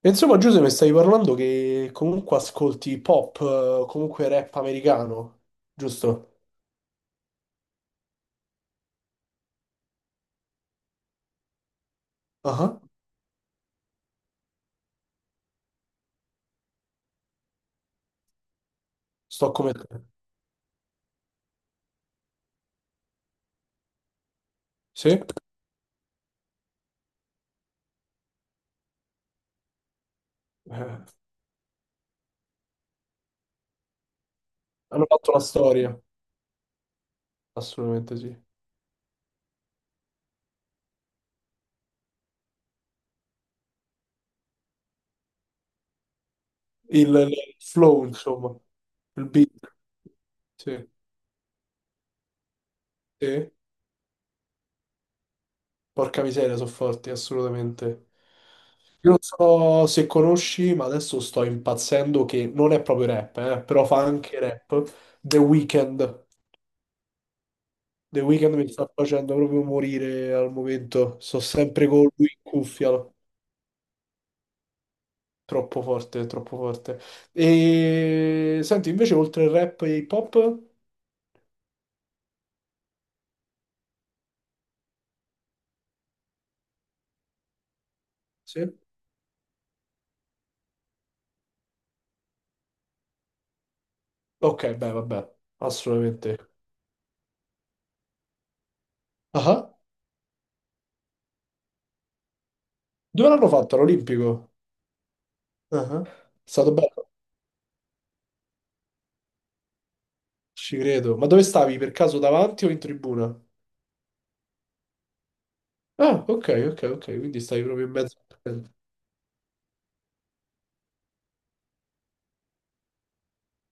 E insomma, Giuseppe, stavi parlando che comunque ascolti pop, comunque rap americano, giusto? Ah, sto come te. Sì? Eh, hanno fatto la storia, assolutamente sì. Il flow, insomma, il beat, sì. Sì. Porca miseria, sono forti, assolutamente. Io non so se conosci, ma adesso sto impazzendo che non è proprio rap, però fa anche rap. The Weeknd. The Weeknd mi sta facendo proprio morire al momento. Sto sempre con lui in cuffia, no? Troppo forte, troppo forte. E senti, invece, oltre il rap e hip hop? Sì. Ok, beh, vabbè, assolutamente. Ah, dove l'hanno fatto? All'Olimpico? Ah, è stato bello, ci credo. Ma dove stavi? Per caso davanti o in tribuna? Ah, ok, ok, ok. Quindi stavi proprio in mezzo.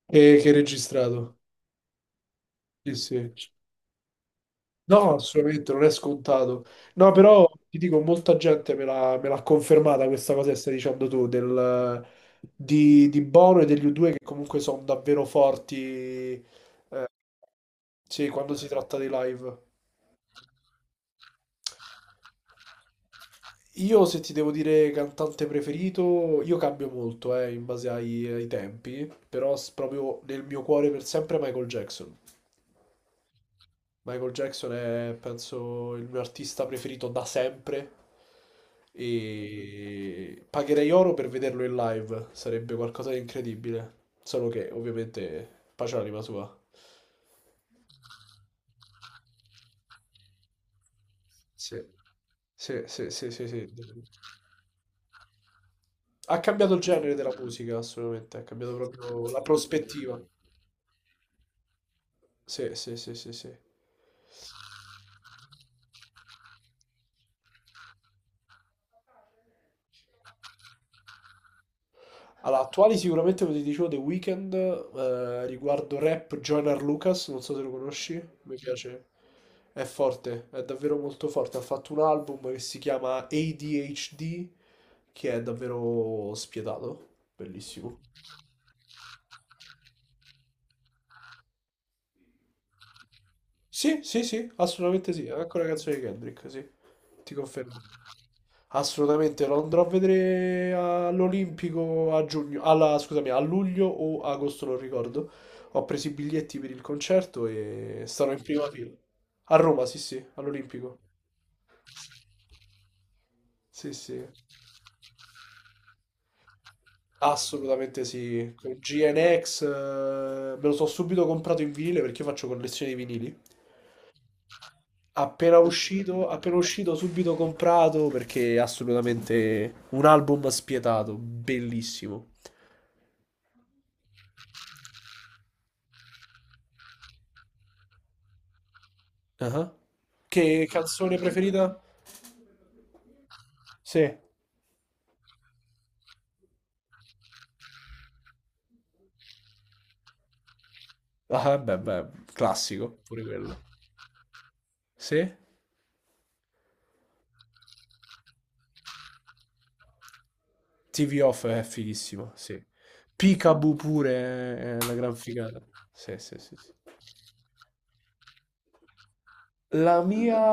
E che hai registrato? Sì, sì. No, assolutamente, non è scontato. No, però ti dico, molta gente me l'ha confermata questa cosa che stai dicendo tu, di Bono e degli U2 che comunque sono davvero forti, sì, quando si tratta dei live. Io, se ti devo dire cantante preferito, io cambio molto, in base ai tempi, però proprio nel mio cuore per sempre Michael Jackson. Michael Jackson è, penso, il mio artista preferito da sempre e pagherei oro per vederlo in live, sarebbe qualcosa di incredibile, solo che ovviamente pace all'anima sua. Sì. Sì, sì, sì, sì, sì. Ha cambiato il genere della musica, assolutamente, ha cambiato proprio la prospettiva. Sì, sì, sì, sì, sì. Allora, attuali sicuramente, come ti dicevo, The Weeknd, riguardo rap, Joyner Lucas, non so se lo conosci, mi piace, è forte, è davvero molto forte, ha fatto un album che si chiama ADHD, che è davvero spietato, bellissimo. Sì, sì, sì, assolutamente sì, è anche una canzone di Kendrick, sì, ti confermo. Assolutamente lo andrò a vedere all'Olimpico a giugno, scusami, a luglio o agosto, non ricordo. Ho preso i biglietti per il concerto e sarò in prima fila. A Roma, sì, sì, all'Olimpico. Sì, sì, assolutamente sì. Con GNX, me lo so subito comprato in vinile perché io faccio collezione di vinili. Appena uscito, subito comprato perché è assolutamente un album spietato, bellissimo. Ah. Che canzone preferita? Sì, ah, beh, beh, classico, pure quello. Sì? TV Off è fighissimo, sì. Peekaboo pure è una gran figata. Sì, sì, sì, sì. La mia,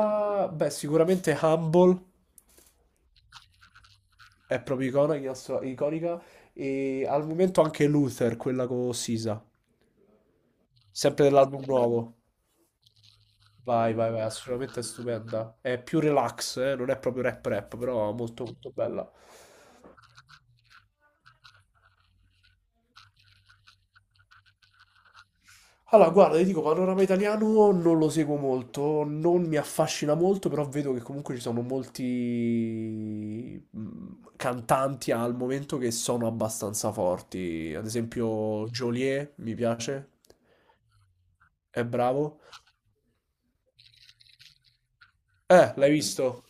beh, sicuramente Humble è proprio iconica, iconica, e al momento anche Luther, quella con Sisa, sempre dell'album nuovo. Vai, vai, vai, assolutamente stupenda. È più relax, non è proprio rap rap, però molto molto bella. Allora, guarda, ti dico, panorama italiano non lo seguo molto, non mi affascina molto, però vedo che comunque ci sono molti cantanti al momento che sono abbastanza forti. Ad esempio, Joliet mi piace, è bravo. L'hai visto?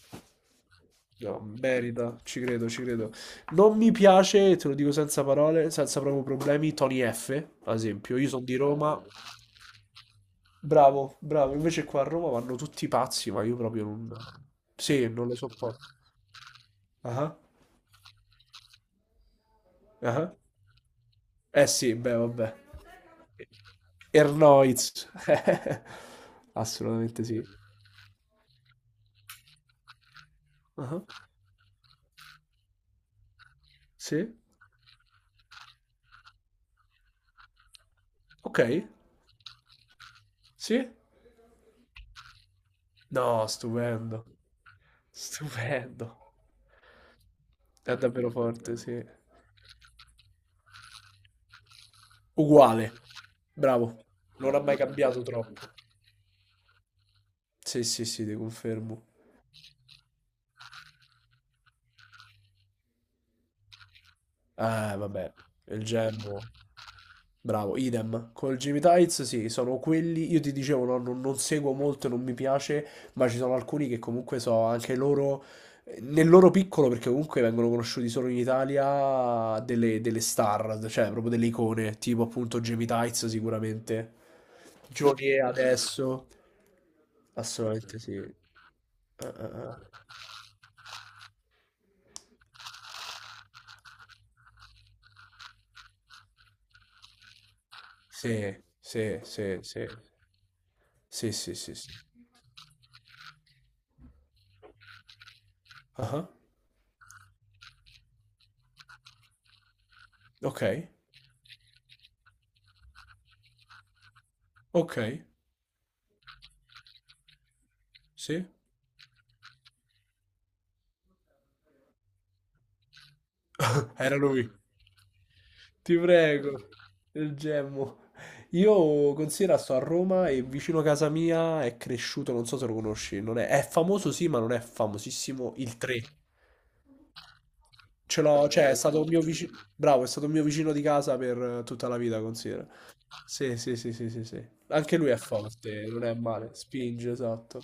No, merita, ci credo, ci credo. Non mi piace, te lo dico senza parole, senza proprio problemi, Tony F, ad esempio. Io sono di Roma, bravo, bravo. Invece qua a Roma vanno tutti pazzi, ma io proprio non... Sì, non le sopporto. Ah, ah. Eh sì, beh, vabbè. Ernoiz. Assolutamente sì. Ah, sì? Ok? Sì? No, stupendo. Stupendo. È davvero forte, sì. Uguale. Bravo. Non ha mai cambiato troppo. Sì, sì, sì, ti confermo. Eh, vabbè, il Genoa. Bravo, idem. Col Jimmy Tights, sì, sono quelli. Io ti dicevo, no, non, non seguo molto, non mi piace, ma ci sono alcuni che comunque so anche loro, nel loro piccolo, perché comunque vengono conosciuti solo in Italia, delle, delle star, cioè proprio delle icone, tipo appunto Jimmy Tights sicuramente. Johnny adesso. Assolutamente sì. Eh. Sì, sì, sì, sì. Sì, sì, sì, sì. Ah, ok. Ok, sì, era lui. Ti prego, il gemmo. Io considero sto a Roma e vicino a casa mia è cresciuto, non so se lo conosci, non è, è famoso sì, ma non è famosissimo il 3. Ce l'ho, cioè è stato un mio vicino, bravo, è stato un mio vicino di casa per tutta la vita, considera. Sì, sì, sì, sì, sì, sì. Anche lui è forte, non è male, spinge, esatto.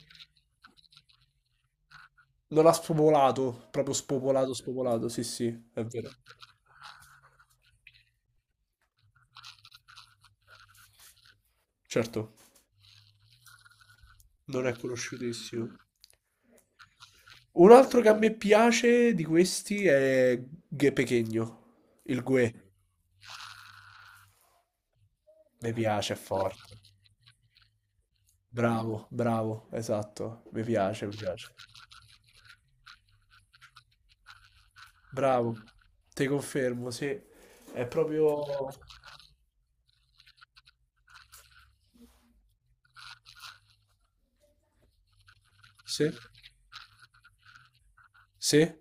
Non ha spopolato, proprio spopolato, spopolato, sì, sì, è vero. Certo, non è conosciutissimo. Un altro che a me piace di questi è Gue Pequeno, il Gue. Mi piace, è forte. Bravo, bravo, esatto. Mi piace, mi piace. Bravo. Te confermo, sì. È proprio... Sì, sì, è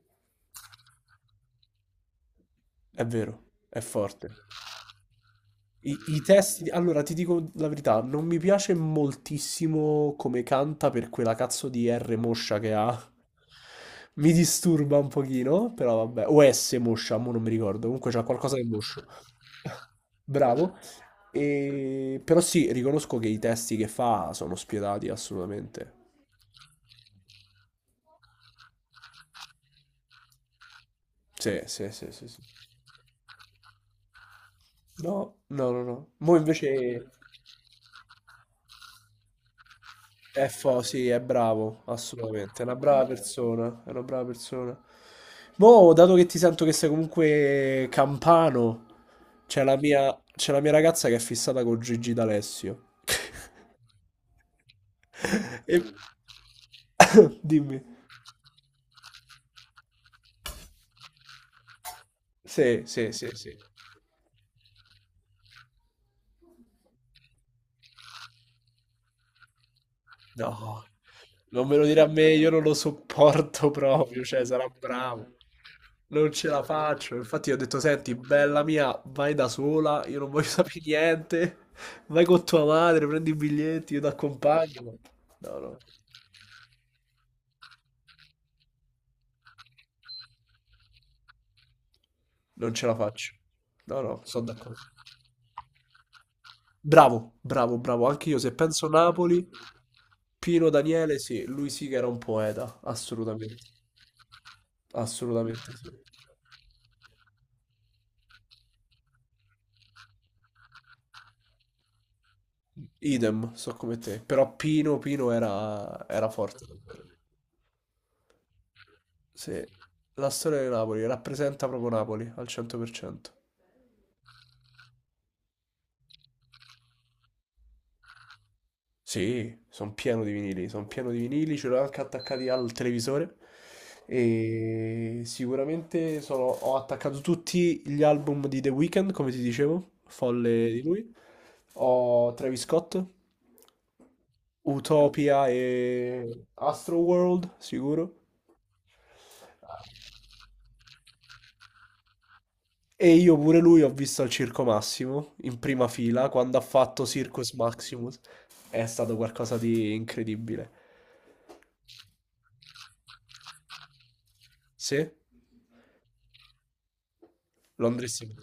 vero, è forte. I testi, allora ti dico la verità, non mi piace moltissimo come canta per quella cazzo di R moscia che ha. Mi disturba un pochino, però vabbè. O S moscia, mo non mi ricordo. Comunque c'ha qualcosa di moscio. Bravo. E... però sì, riconosco che i testi che fa sono spietati assolutamente. Sì, sì, sì, sì, sì. No, no, no, no. Mo invece... È fo, sì, è bravo, assolutamente. È una brava persona, è una brava persona. Mo, dato che ti sento che sei comunque campano, c'è la mia ragazza che è fissata con Gigi D'Alessio. E Mm. dimmi. Sì, sì, sì, sì. No, non me lo dire a me, io non lo sopporto proprio, cioè, sarà bravo. Non ce la faccio. Infatti, io ho detto: senti, bella mia, vai da sola. Io non voglio sapere niente. Vai con tua madre, prendi i biglietti, io ti accompagno. No, no, non ce la faccio. No, no, sono d'accordo. Bravo, bravo, bravo. Anche io, se penso Napoli, Pino Daniele, sì, lui sì che era un poeta. Assolutamente, assolutamente sì. Idem, so come te. Però Pino, Pino era, era forte. Sì, la storia di Napoli rappresenta proprio Napoli al 100%. Sì, sono pieno di vinili, sono pieno di vinili, ce l'ho anche attaccati al televisore e sicuramente ho attaccato tutti gli album di The Weeknd, come ti dicevo, folle di lui. Ho Travis Scott, Utopia e Astroworld, sicuro. E io pure lui ho visto al Circo Massimo, in prima fila, quando ha fatto Circus Maximus. È stato qualcosa di incredibile. Sì? Londrissimo.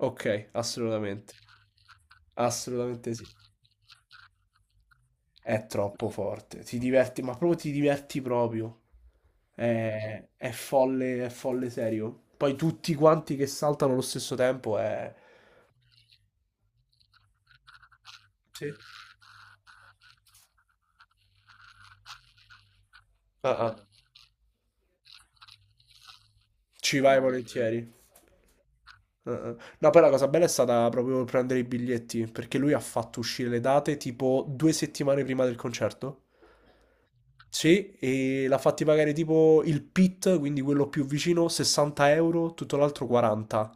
Ok, assolutamente. Assolutamente sì. È troppo forte. Ti diverti, ma proprio ti diverti proprio. È folle serio. Poi tutti quanti che saltano allo stesso tempo è... Sì. Ah, ah. Ci vai volentieri. Ah, ah. No, poi la cosa bella è stata proprio prendere i biglietti, perché lui ha fatto uscire le date tipo 2 settimane prima del concerto. Sì, e l'ha fatti pagare tipo il pit, quindi quello più vicino, 60 euro, tutto l'altro 40.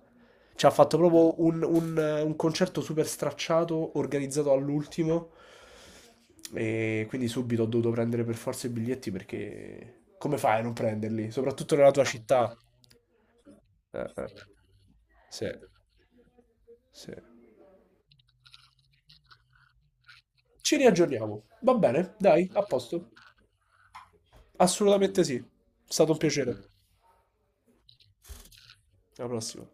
Ci ha fatto proprio un, un concerto super stracciato, organizzato all'ultimo. E quindi subito ho dovuto prendere per forza i biglietti perché come fai a non prenderli? Soprattutto nella tua città. Sì, sì. Ci riaggiorniamo. Va bene, dai, a posto. Assolutamente sì. È stato un piacere. Alla prossima.